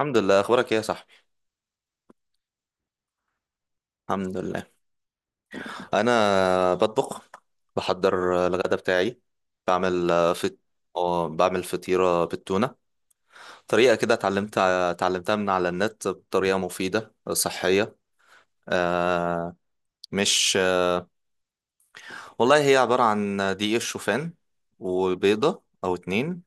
الحمد لله. اخبارك ايه يا صاحبي؟ الحمد لله. انا بطبخ، بحضر الغداء بتاعي. بعمل فت... آه، بعمل فطيرة بالتونة. طريقة كده اتعلمتها من على النت، بطريقة مفيدة صحية. آه، مش والله هي عبارة عن دقيق الشوفان وبيضة او اتنين،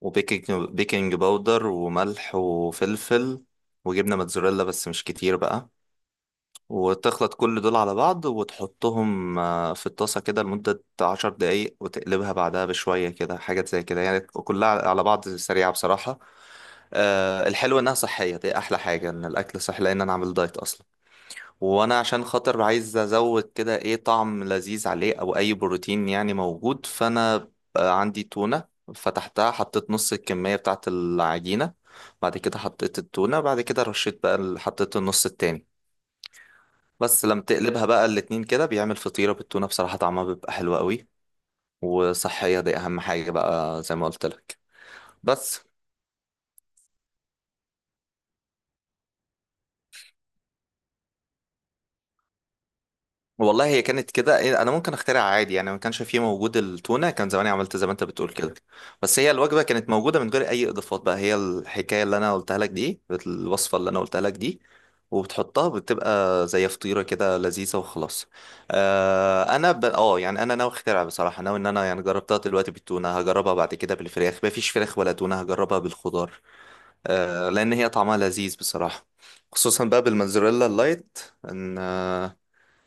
وبيكنج بيكنج باودر وملح وفلفل وجبنة موتزاريلا، بس مش كتير بقى. وتخلط كل دول على بعض وتحطهم في الطاسة كده لمدة 10 دقايق، وتقلبها بعدها بشوية كده حاجات زي كده يعني، كلها على بعض سريعة بصراحة. الحلو إنها صحية، دي أحلى حاجة إن الأكل صحي، لأن أنا عامل دايت أصلا. وأنا عشان خاطر عايز أزود كده إيه، طعم لذيذ عليه أو أي بروتين يعني موجود. فأنا عندي تونة، فتحتها، حطيت نص الكمية بتاعت العجينة، بعد كده حطيت التونة، بعد كده رشيت بقى حطيت النص التاني. بس لما تقلبها بقى الاتنين كده بيعمل فطيرة بالتونة، بصراحة طعمها بيبقى حلو قوي. وصحية، دي أهم حاجة بقى زي ما قلت لك. بس، والله هي كانت كده انا ممكن اخترع عادي يعني، ما كانش فيه موجود التونه كان زماني عملت زي ما انت بتقول كده. بس هي الوجبه كانت موجوده من غير اي اضافات، بقى هي الحكايه اللي انا قلتها لك دي، الوصفه اللي انا قلتها لك دي. وبتحطها بتبقى زي فطيره كده لذيذه وخلاص. آه انا ب... اه يعني انا ناوي اخترع، بصراحه ناوي ان انا يعني جربتها دلوقتي بالتونه، هجربها بعد كده بالفراخ. ما فيش فراخ ولا تونه هجربها بالخضار. لان هي طعمها لذيذ بصراحه، خصوصا بقى بالموزاريلا اللايت، ان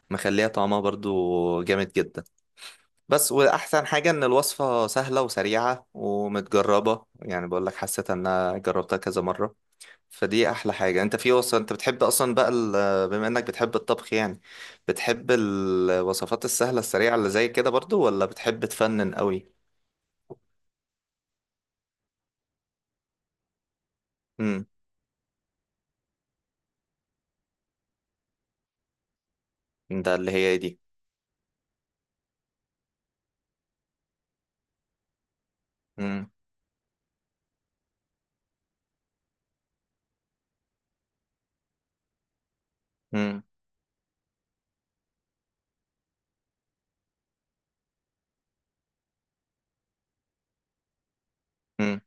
مخليها طعمها برضو جامد جدا. بس واحسن حاجة ان الوصفة سهلة وسريعة ومتجربة، يعني بقول لك حسيت ان انا جربتها كذا مرة. فدي احلى حاجة. انت في وصفة انت بتحب اصلا بقى بما انك بتحب الطبخ يعني، بتحب الوصفات السهلة السريعة اللي زي كده برضو، ولا بتحب تفنن قوي؟ امم. ده اللي هي دي. امم. امم. امم.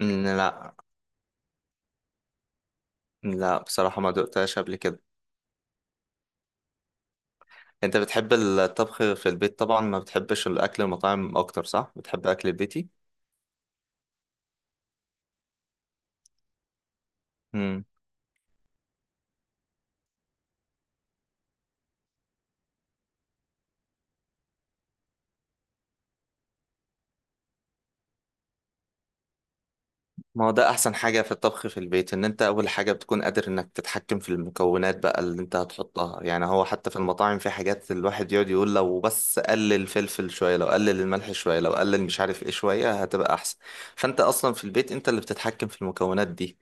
امم. لا، لا بصراحة ما دقتهاش قبل كده. انت بتحب الطبخ في البيت طبعا، ما بتحبش الاكل المطاعم اكتر صح؟ بتحب اكل البيتي. امم. ما هو ده احسن حاجه في الطبخ في البيت، ان انت اول حاجه بتكون قادر انك تتحكم في المكونات بقى اللي انت هتحطها يعني. هو حتى في المطاعم في حاجات الواحد يقعد يقول لو بس قلل الفلفل شويه، لو قلل الملح شويه، لو قلل مش عارف ايه شويه، هتبقى احسن. فانت اصلا في البيت انت اللي بتتحكم في المكونات دي.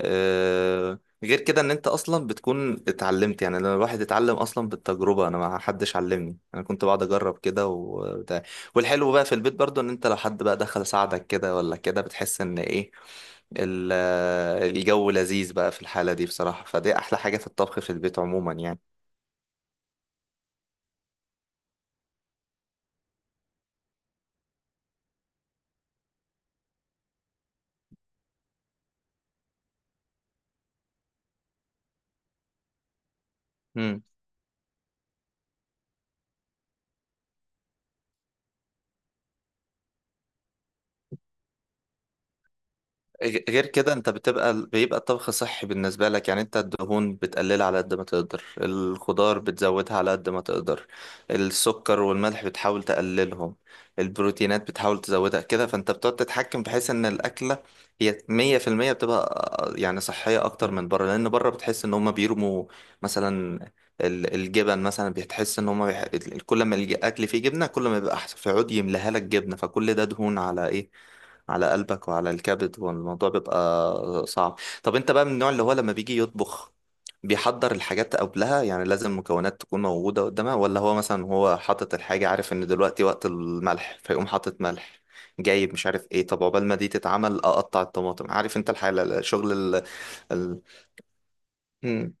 آه، غير كده ان انت اصلا بتكون اتعلمت، يعني لما الواحد اتعلم اصلا بالتجربه، انا ما حدش علمني، انا كنت بقعد اجرب كده وبتاع. والحلو بقى في البيت برضو ان انت لو حد بقى دخل ساعدك كده ولا كده بتحس ان ايه، الجو لذيذ بقى في الحاله دي بصراحه. فدي احلى حاجه في الطبخ في البيت عموما يعني. غير كده انت بيبقى الطبخ صحي بالنسبة لك، يعني انت الدهون بتقللها على قد ما تقدر، الخضار بتزودها على قد ما تقدر، السكر والملح بتحاول تقللهم، البروتينات بتحاول تزودها كده. فانت بتقعد تتحكم بحيث ان الأكلة هي 100% بتبقى يعني صحية أكتر من بره. لأن بره بتحس إن هما بيرموا مثلا الجبن مثلا، بتحس إن هما كل ما الأكل فيه جبنة كل ما بيبقى أحسن، فيقعد يملاها لك جبنة، فكل ده دهون على إيه، على قلبك وعلى الكبد والموضوع بيبقى صعب. طب انت بقى من النوع اللي هو لما بيجي يطبخ بيحضر الحاجات قبلها، يعني لازم المكونات تكون موجودة قدامها، ولا هو مثلا هو حاطط الحاجة عارف ان دلوقتي وقت الملح فيقوم حاطط ملح، جايب مش عارف ايه، طب عقبال ما دي تتعمل اقطع الطماطم، عارف انت الحالة، الشغل ال... مم.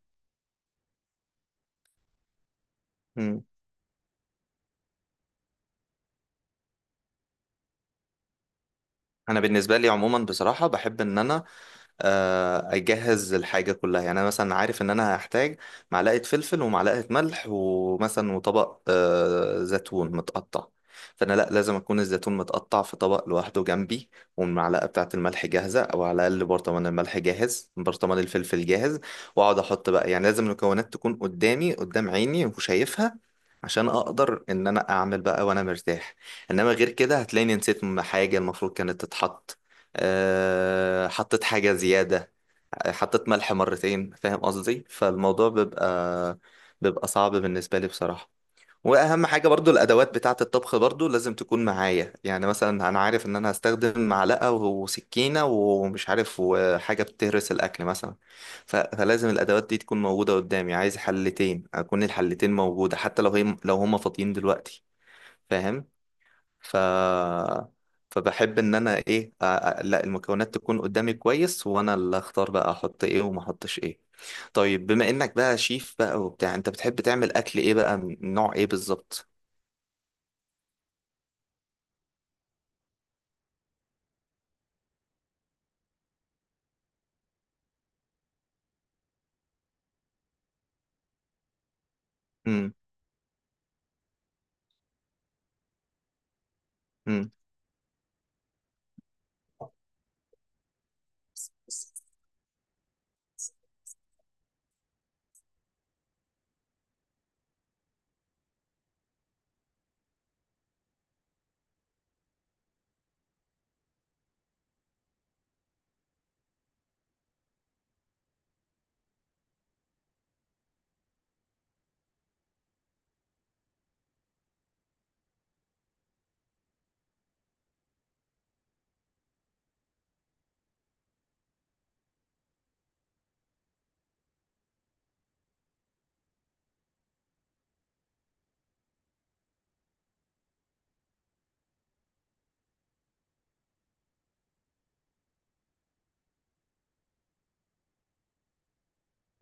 مم. انا بالنسبة لي عموما بصراحة بحب ان انا اجهز الحاجه كلها، يعني انا مثلا عارف ان انا هحتاج معلقه فلفل ومعلقه ملح ومثلا وطبق زيتون متقطع، فانا لا لازم اكون الزيتون متقطع في طبق لوحده جنبي، والمعلقه بتاعه الملح جاهزه، او على الاقل برطمان الملح جاهز برطمان الفلفل جاهز، واقعد احط بقى. يعني لازم المكونات تكون قدامي قدام عيني وشايفها، عشان اقدر ان انا اعمل بقى وانا مرتاح. انما غير كده هتلاقيني نسيت حاجه المفروض كانت تتحط، حطيت حاجة زيادة، حطيت ملح مرتين، فاهم قصدي. فالموضوع بيبقى صعب بالنسبة لي بصراحة. وأهم حاجة برضو الأدوات بتاعة الطبخ برضو لازم تكون معايا، يعني مثلا أنا عارف إن أنا هستخدم معلقة وسكينة ومش عارف وحاجة بتهرس الأكل مثلا. فلازم الأدوات دي تكون موجودة قدامي، عايز حلتين أكون الحلتين موجودة حتى لو هي لو هما فاضيين دلوقتي. فاهم. ف فبحب ان انا ايه لا، المكونات تكون قدامي كويس وانا اللي اختار بقى احط ايه وما احطش ايه. طيب بما انك بقى شيف بقى وبتاع، انت بتحب تعمل اكل ايه بقى، من نوع ايه بالظبط؟ امم. امم.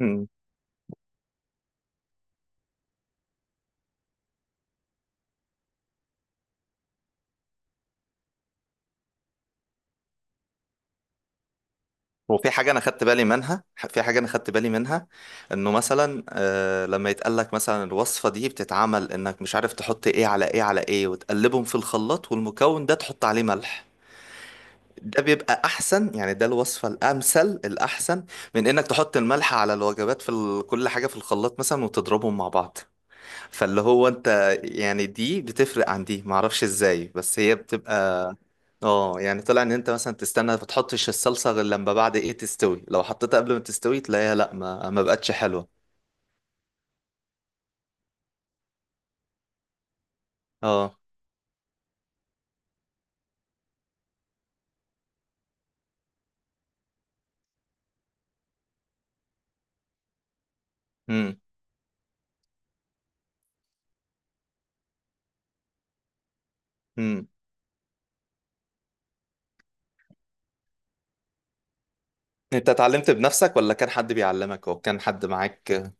امم. وفي حاجة أنا خدت بالي منها، في حاجة أنا خدت بالي منها، إنه مثلا آه لما يتقالك مثلا الوصفة دي بتتعمل إنك مش عارف تحط إيه على إيه على إيه وتقلبهم في الخلاط، والمكون ده تحط عليه ملح، ده بيبقى احسن يعني، ده الوصفه الامثل الاحسن من انك تحط الملح على الوجبات في كل حاجه في الخلاط مثلا وتضربهم مع بعض. فاللي هو انت يعني دي بتفرق عن دي معرفش ازاي، بس هي بتبقى. اه يعني طلع ان انت مثلا تستنى ما تحطش الصلصه غير لما بعد ايه تستوي، لو حطيتها قبل ما تستوي تلاقيها لا ما بقتش حلوه. اه. امم. امم. انت اتعلمت بنفسك ولا كان حد بيعلمك او كان حد معاك؟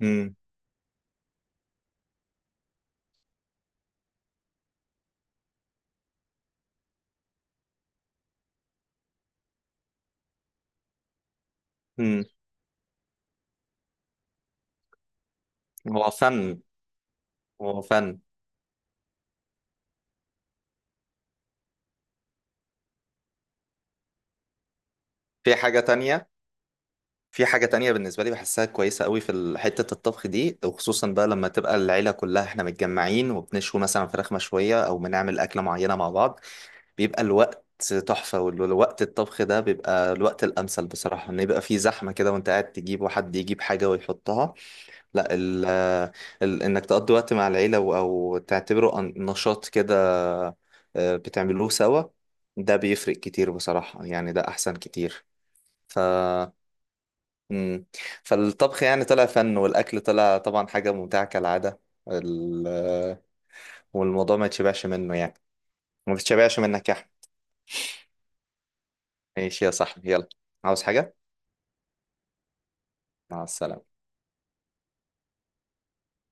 امم. امم. هو فن. هو فن. في حاجه تانية، في حاجة تانية بالنسبة لي بحسها كويسة قوي في حتة الطبخ دي، وخصوصا بقى لما تبقى العيلة كلها احنا متجمعين وبنشوي مثلا فراخ مشوية أو بنعمل أكلة معينة مع بعض، بيبقى الوقت تحفة. والوقت الطبخ ده بيبقى الوقت الأمثل بصراحة، إن يبقى في زحمة كده وأنت قاعد تجيب وحد يجيب حاجة ويحطها، لا. ال ال إنك تقضي وقت مع العيلة أو تعتبره نشاط كده بتعملوه سوا، ده بيفرق كتير بصراحة يعني، ده أحسن كتير. ف مم. فالطبخ يعني طلع فن، والأكل طلع طبعا حاجة ممتعة كالعادة. ال- والموضوع ما يتشبعش منه يعني، ما تتشبعش منك يا أحمد. ماشي يا صاحبي، يلا. عاوز حاجة؟ مع السلامة.